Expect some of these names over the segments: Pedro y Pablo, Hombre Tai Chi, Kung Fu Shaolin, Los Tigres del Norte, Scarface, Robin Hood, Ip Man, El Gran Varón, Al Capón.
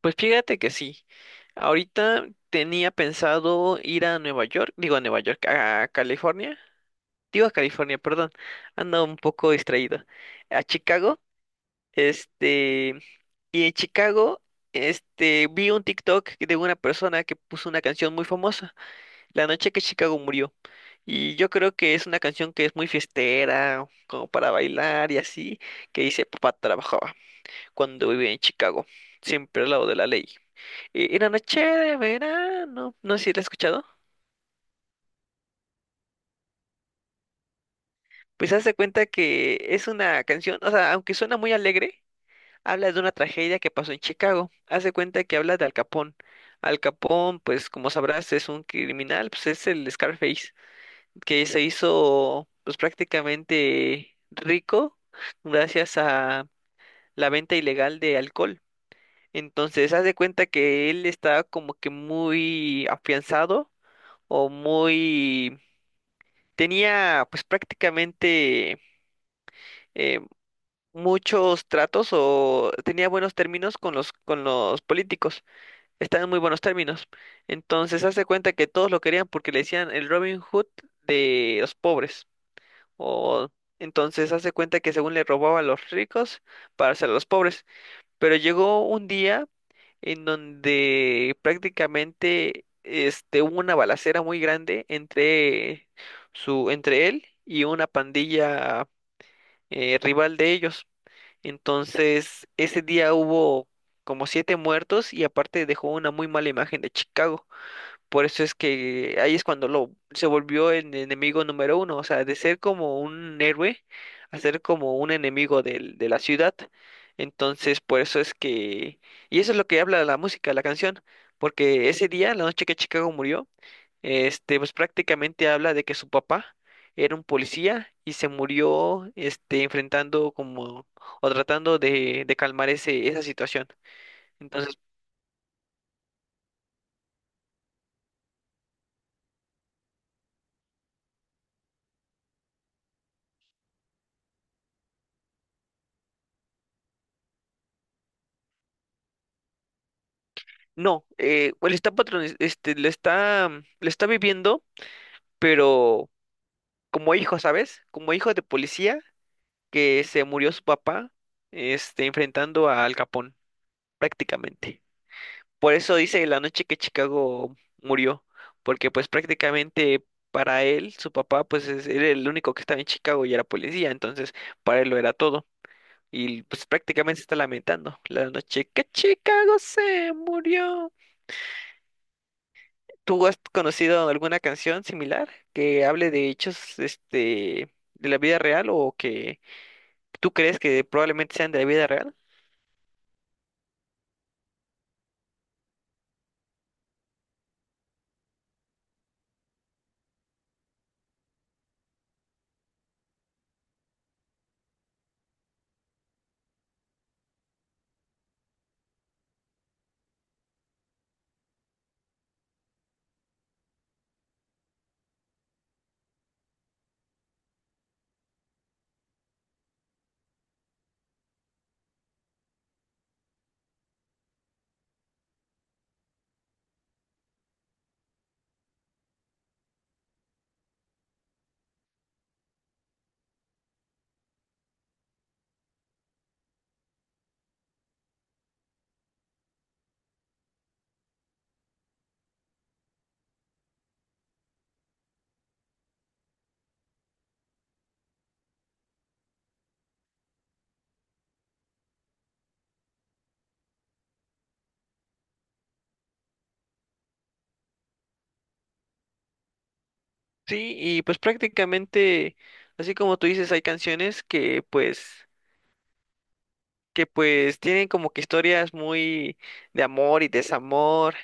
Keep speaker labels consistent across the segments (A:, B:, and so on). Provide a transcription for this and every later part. A: Pues fíjate que sí. Ahorita tenía pensado ir a Nueva York, digo a Nueva York, a California, digo a California, perdón, ando un poco distraído, a Chicago, este, y en Chicago, vi un TikTok de una persona que puso una canción muy famosa, La noche que Chicago murió, y yo creo que es una canción que es muy fiestera, como para bailar y así, que dice, papá trabajaba cuando vivía en Chicago, siempre al lado de la ley. Era noche de verano, no sé si la has escuchado. Pues hazte cuenta que es una canción, o sea, aunque suena muy alegre, habla de una tragedia que pasó en Chicago. Hace cuenta que habla de Al Capón. Al Capón, pues como sabrás, es un criminal, pues es el Scarface, que se hizo pues prácticamente rico gracias a la venta ilegal de alcohol. Entonces, haz de cuenta que él está como que muy afianzado o muy tenía pues prácticamente eh, muchos tratos o tenía buenos términos con los políticos, estaban en muy buenos términos. Entonces hace cuenta que todos lo querían porque le decían el Robin Hood de los pobres. O entonces hace cuenta que según le robaba a los ricos para hacer a los pobres. Pero llegó un día en donde prácticamente hubo una balacera muy grande entre él y una pandilla rival de ellos. Entonces, ese día hubo como siete muertos y aparte dejó una muy mala imagen de Chicago. Por eso es que ahí es cuando lo se volvió el enemigo número uno, o sea, de ser como un héroe a ser como un enemigo de la ciudad. Entonces, por eso es que. Y eso es lo que habla la música, la canción, porque ese día, la noche que Chicago murió, pues prácticamente habla de que su papá era un policía y se murió, enfrentando como o tratando de calmar esa situación. Entonces, no, él está patroniz- este, le está, mm, le está viviendo, pero como hijo, ¿sabes? Como hijo de policía que se murió su papá, enfrentando a Al Capón, prácticamente. Por eso dice la noche que Chicago murió, porque pues prácticamente para él, su papá, pues era el único que estaba en Chicago y era policía, entonces para él lo era todo. Y pues prácticamente se está lamentando la noche que Chicago se murió. ¿Tú has conocido alguna canción similar que hable de hechos, de la vida real o que tú crees que probablemente sean de la vida real? Sí, y pues prácticamente, así como tú dices, hay canciones que pues tienen como que historias muy de amor y desamor.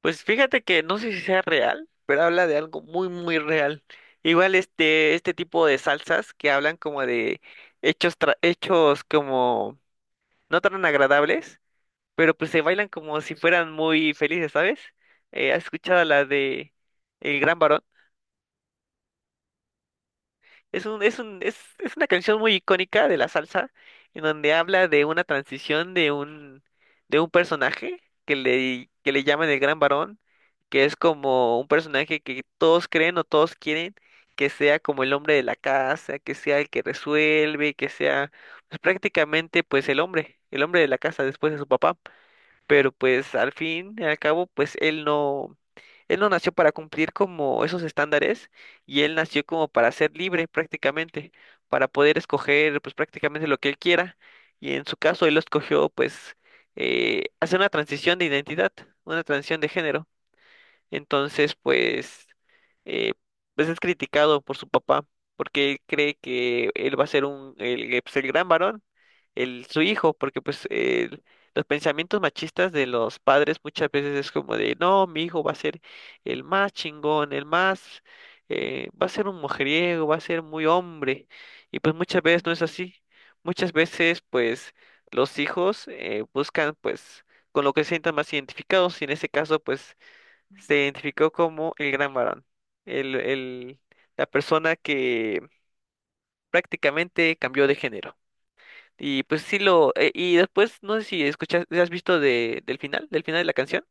A: Pues fíjate que no sé si sea real, pero habla de algo muy muy real. Igual este tipo de salsas que hablan como de hechos como no tan agradables, pero pues se bailan como si fueran muy felices, ¿sabes? ¿Has escuchado la de El Gran Varón? Es una canción muy icónica de la salsa, en donde habla de una transición de un, personaje que le llaman el Gran Varón, que es como un personaje que todos creen o todos quieren que sea como el hombre de la casa, que sea el que resuelve, que sea pues, prácticamente pues el hombre de la casa después de su papá, pero pues al fin y al cabo, pues él no nació para cumplir como esos estándares y él nació como para ser libre prácticamente, para poder escoger pues prácticamente lo que él quiera, y en su caso él lo escogió pues hacer una transición de identidad, una transición de género. Entonces, pues, eh, pues es criticado por su papá porque él cree que él va a ser el gran varón, su hijo, porque pues los pensamientos machistas de los padres muchas veces es como de, no, mi hijo va a ser el más chingón, el más, va a ser un mujeriego, va a ser muy hombre, y pues muchas veces no es así. Muchas veces, pues, los hijos buscan, pues, con lo que se sientan más identificados, y en ese caso, pues, se identificó como el gran varón, el, el- la persona que prácticamente cambió de género. Y pues sí y después, no sé si escuchas, si has visto del final de la canción,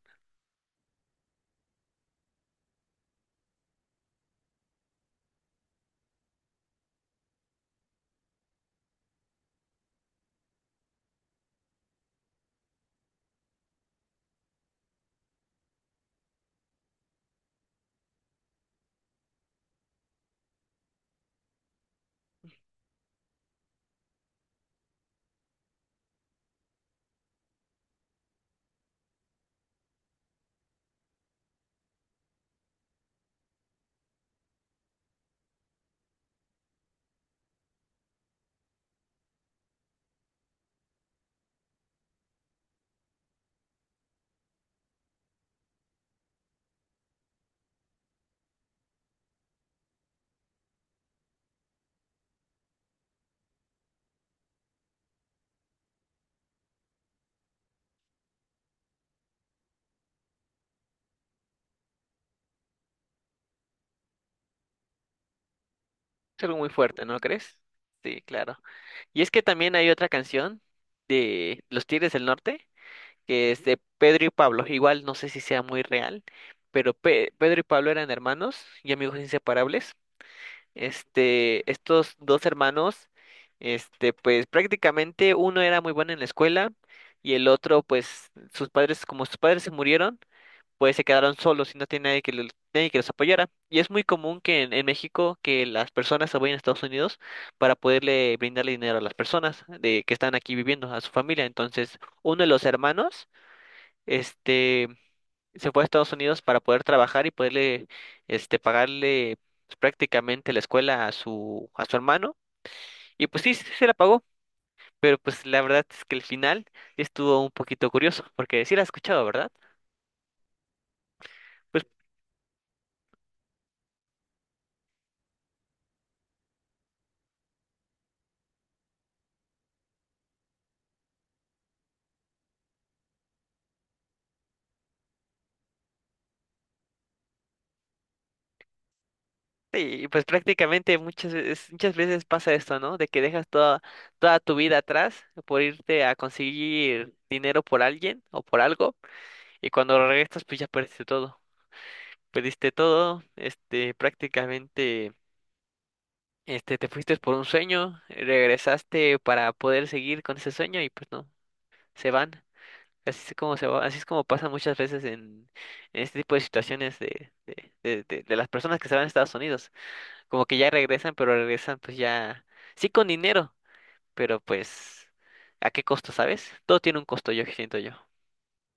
A: es algo muy fuerte, ¿no crees? Sí, claro. Y es que también hay otra canción de Los Tigres del Norte, que es de Pedro y Pablo, igual no sé si sea muy real, pero Pedro y Pablo eran hermanos y amigos inseparables. Estos dos hermanos, pues prácticamente uno era muy bueno en la escuela y el otro, pues sus padres, como sus padres se murieron, pues se quedaron solos y no tiene nadie que los, apoyara. Y es muy común que en México que las personas se vayan a Estados Unidos para poderle brindarle dinero a las personas de que están aquí viviendo, a su familia. Entonces, uno de los hermanos, este se fue a Estados Unidos para poder trabajar y poderle, pagarle pues, prácticamente la escuela a su, hermano. Y pues sí, sí se la pagó, pero pues la verdad es que el final estuvo un poquito curioso, porque sí la has escuchado, ¿verdad? Pues sí, pues prácticamente muchas veces pasa esto, ¿no? De que dejas toda tu vida atrás por irte a conseguir dinero por alguien o por algo, y cuando regresas, pues ya perdiste todo. Perdiste todo, prácticamente. Te fuiste por un sueño, regresaste para poder seguir con ese sueño y pues no, se van. Así es como se va, así es como pasa muchas veces en, este tipo de situaciones de las personas que se van a Estados Unidos. Como que ya regresan, pero regresan pues ya, sí con dinero, pero pues, ¿a qué costo, sabes? Todo tiene un costo, yo siento yo.